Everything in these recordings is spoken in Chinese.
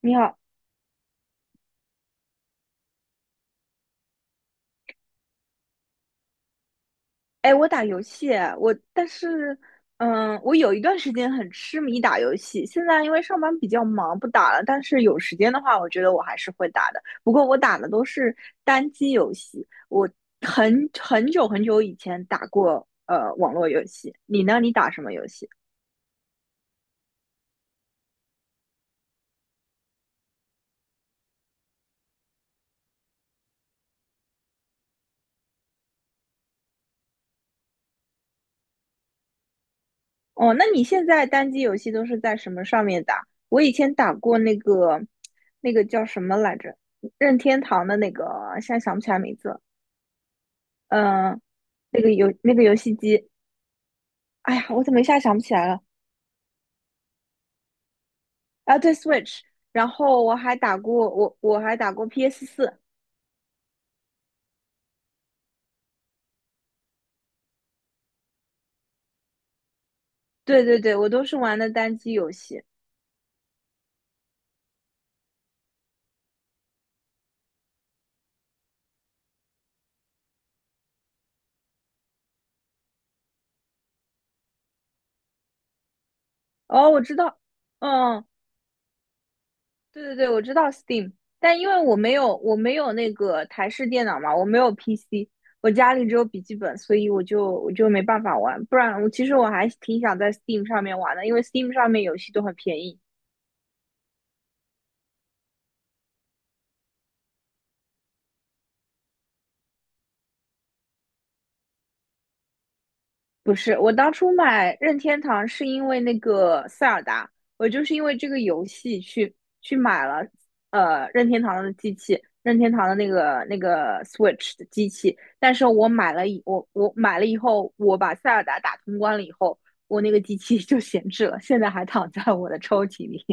你好。哎，我打游戏，我但是，我有一段时间很痴迷打游戏，现在因为上班比较忙，不打了。但是有时间的话，我觉得我还是会打的。不过我打的都是单机游戏，我很久很久以前打过网络游戏。你呢？你打什么游戏？哦，那你现在单机游戏都是在什么上面打？我以前打过那个叫什么来着，任天堂的那个，现在想不起来名字了。嗯、呃那个游戏机，哎呀，我怎么一下想不起来了？啊，对，Switch,然后我还打过 PS4，对对对，我都是玩的单机游戏。哦，我知道。嗯，对对对，我知道 Steam,但因为我没有那个台式电脑嘛，我没有 PC,我家里只有笔记本，所以我就没办法玩。不然我其实我还挺想在 Steam 上面玩的，因为 Steam 上面游戏都很便宜。不是，我当初买任天堂是因为那个塞尔达，我就是因为这个游戏去买了任天堂的机器，任天堂的那个 Switch 的机器。但是我买了以后，我把塞尔达打通关了以后，我那个机器 就闲置了，现在还躺在我的抽屉里。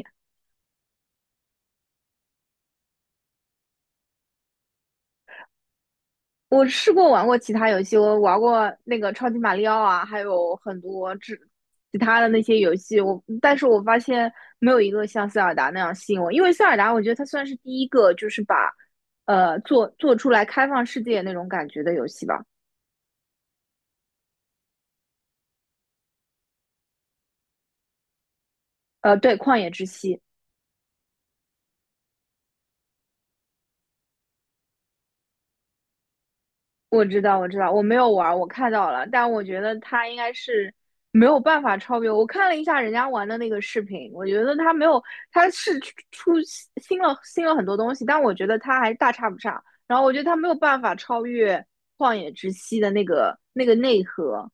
我试过玩过其他游戏，我玩过那个超级马里奥啊，还有很多其他的那些游戏。我，但是我发现没有一个像塞尔达那样吸引我，因为塞尔达我觉得它算是第一个就是把做出来开放世界那种感觉的游戏吧。对，《旷野之息》我知道，我知道，我没有玩儿，我看到了，但我觉得他应该是没有办法超越我。我看了一下人家玩的那个视频，我觉得他没有，他是出新了很多东西，但我觉得他还大差不差。然后我觉得他没有办法超越《旷野之息》的那个内核。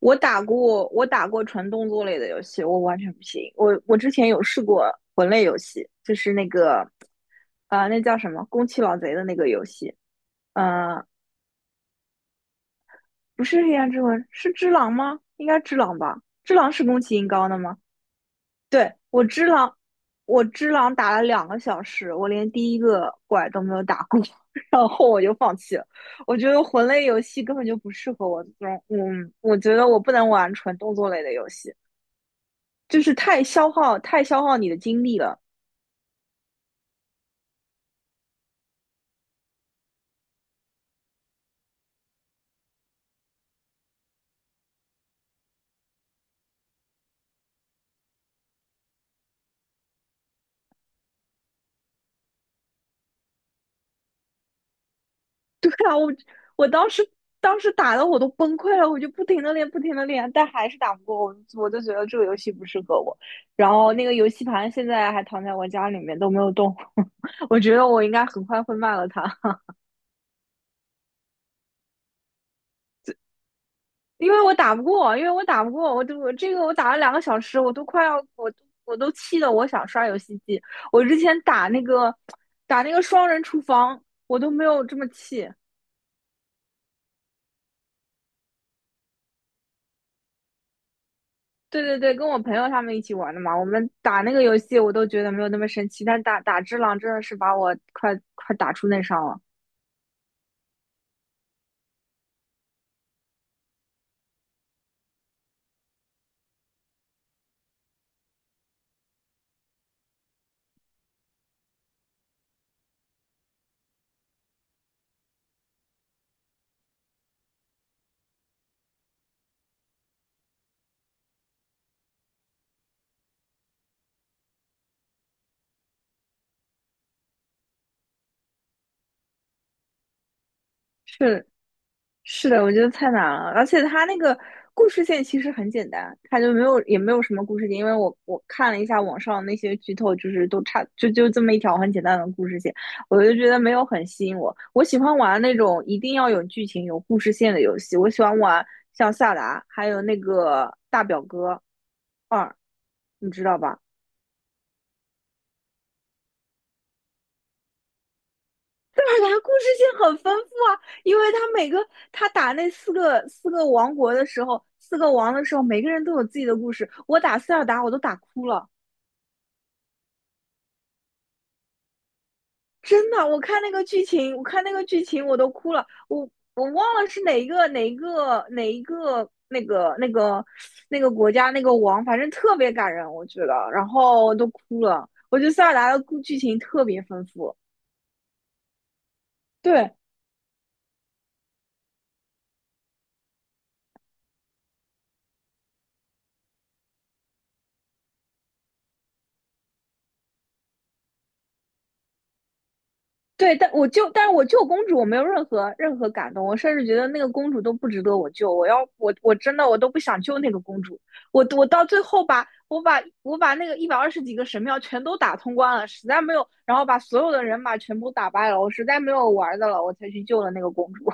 我打过纯动作类的游戏，我完全不行。我之前有试过魂类游戏，就是那个，那叫什么《宫崎老贼》的那个游戏，呃，不是黑暗之魂，是只狼吗？应该只狼吧？只狼是宫崎英高的吗？对，我只狼打了两个小时，我连第一个怪都没有打过，然后我就放弃了。我觉得魂类游戏根本就不适合我这种。嗯，我觉得我不能玩纯动作类的游戏，就是太消耗你的精力了。对啊，我当时打的我都崩溃了，我就不停的练，不停的练，但还是打不过我，我就觉得这个游戏不适合我。然后那个游戏盘现在还躺在我家里面都没有动，我觉得我应该很快会卖了它，因为我打不过，因为我打不过，我都我这个我打了两个小时，我都气得我想刷游戏机。我之前打那个双人厨房，我都没有这么气。对对对，跟我朋友他们一起玩的嘛，我们打那个游戏我都觉得没有那么神奇，但打打只狼真的是把我快打出内伤了。是，是的，我觉得太难了，而且它那个故事线其实很简单，它就没有也没有什么故事线，因为我看了一下网上那些剧透，就是都差就就这么一条很简单的故事线，我就觉得没有很吸引我。我喜欢玩那种一定要有剧情、有故事线的游戏，我喜欢玩像《萨达》还有那个《大表哥二》，你知道吧？塞尔达故事性很丰富啊，因为他打那四个王国的时候，四个王的时候，每个人都有自己的故事。我打塞尔达，我都打哭了，真的。我看那个剧情，我看那个剧情，我都哭了。我忘了是哪一个那个国家那个王，反正特别感人，我觉得，然后都哭了。我觉得塞尔达的故剧情特别丰富，对，对，但是我救公主，我没有任何感动，我甚至觉得那个公主都不值得我救。我要我我真的我都不想救那个公主。我到最后把那个120几个神庙全都打通关了，实在没有，然后把所有的人马全部打败了，我实在没有玩的了，我才去救了那个公主。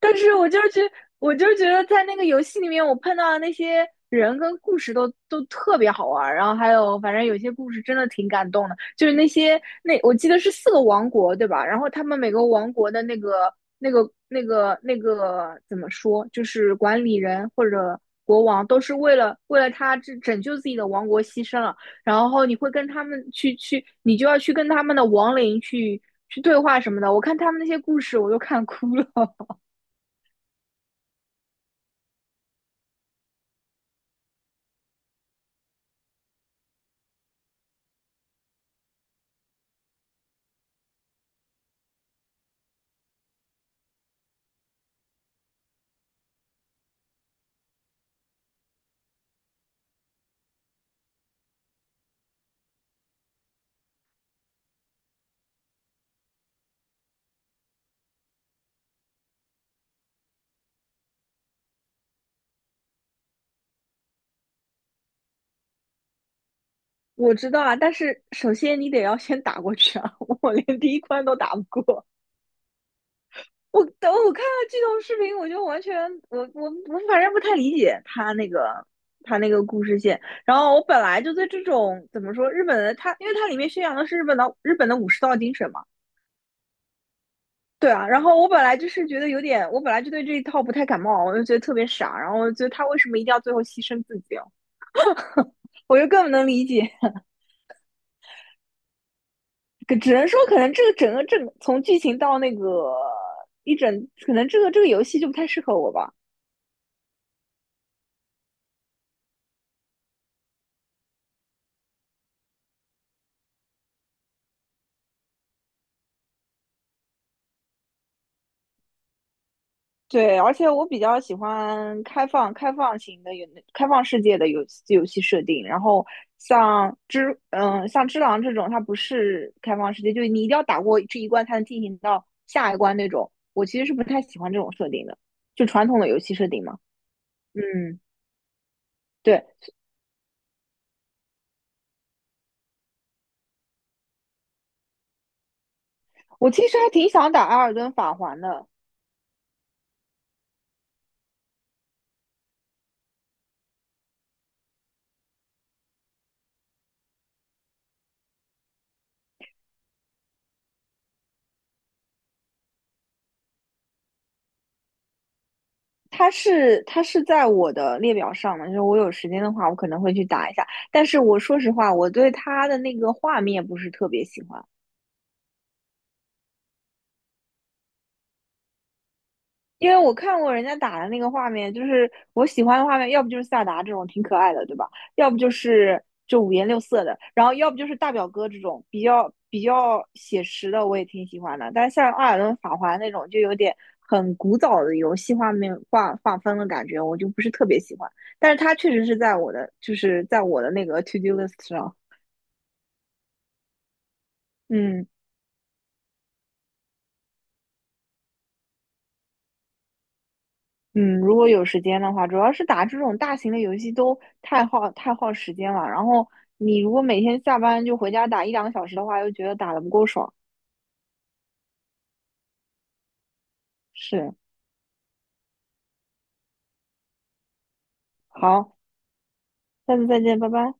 但是我就是觉得在那个游戏里面，我碰到的那些人跟故事都特别好玩，然后还有反正有些故事真的挺感动的，就是那我记得是四个王国对吧？然后他们每个王国的那个怎么说，就是管理人或者国王都是为了拯救自己的王国牺牲了，然后你会跟他们你就要去跟他们的亡灵去对话什么的。我看他们那些故事，我都看哭了。我知道啊，但是首先你得要先打过去啊！我连第一关都打不过。等我看了这种视频，我就完全我我我反正不太理解他那个故事线。然后我本来就对这种怎么说日本的他，因为它里面宣扬的是日本的武士道精神嘛，对啊。然后我本来就是觉得有点，我本来就对这一套不太感冒，我就觉得特别傻。然后我觉得他为什么一定要最后牺牲自己啊？我就更不能理解。只能说可能这个整个这个从剧情到那个可能这个游戏就不太适合我吧。对，而且我比较喜欢开放世界的游戏设定。然后像只狼这种，它不是开放世界，就是你一定要打过这一关才能进行到下一关那种。我其实是不太喜欢这种设定的，就传统的游戏设定嘛。嗯，对，我其实还挺想打《艾尔登法环》的，它是在我的列表上嘛，就是我有时间的话，我可能会去打一下。但是我说实话，我对它的那个画面不是特别喜欢，因为我看过人家打的那个画面，就是我喜欢的画面，要不就是萨达这种挺可爱的，对吧？要不就是就五颜六色的，然后要不就是大表哥这种比较写实的，我也挺喜欢的。但是像《阿尔顿法环》那种，就有点很古早的游戏画面画画风的感觉，我就不是特别喜欢。但是它确实是在我的，就是在我的那个 to do list 上。嗯，嗯，如果有时间的话，主要是打这种大型的游戏都太耗时间了。然后你如果每天下班就回家打一两个小时的话，又觉得打得不够爽。是，好，下次再见，拜拜。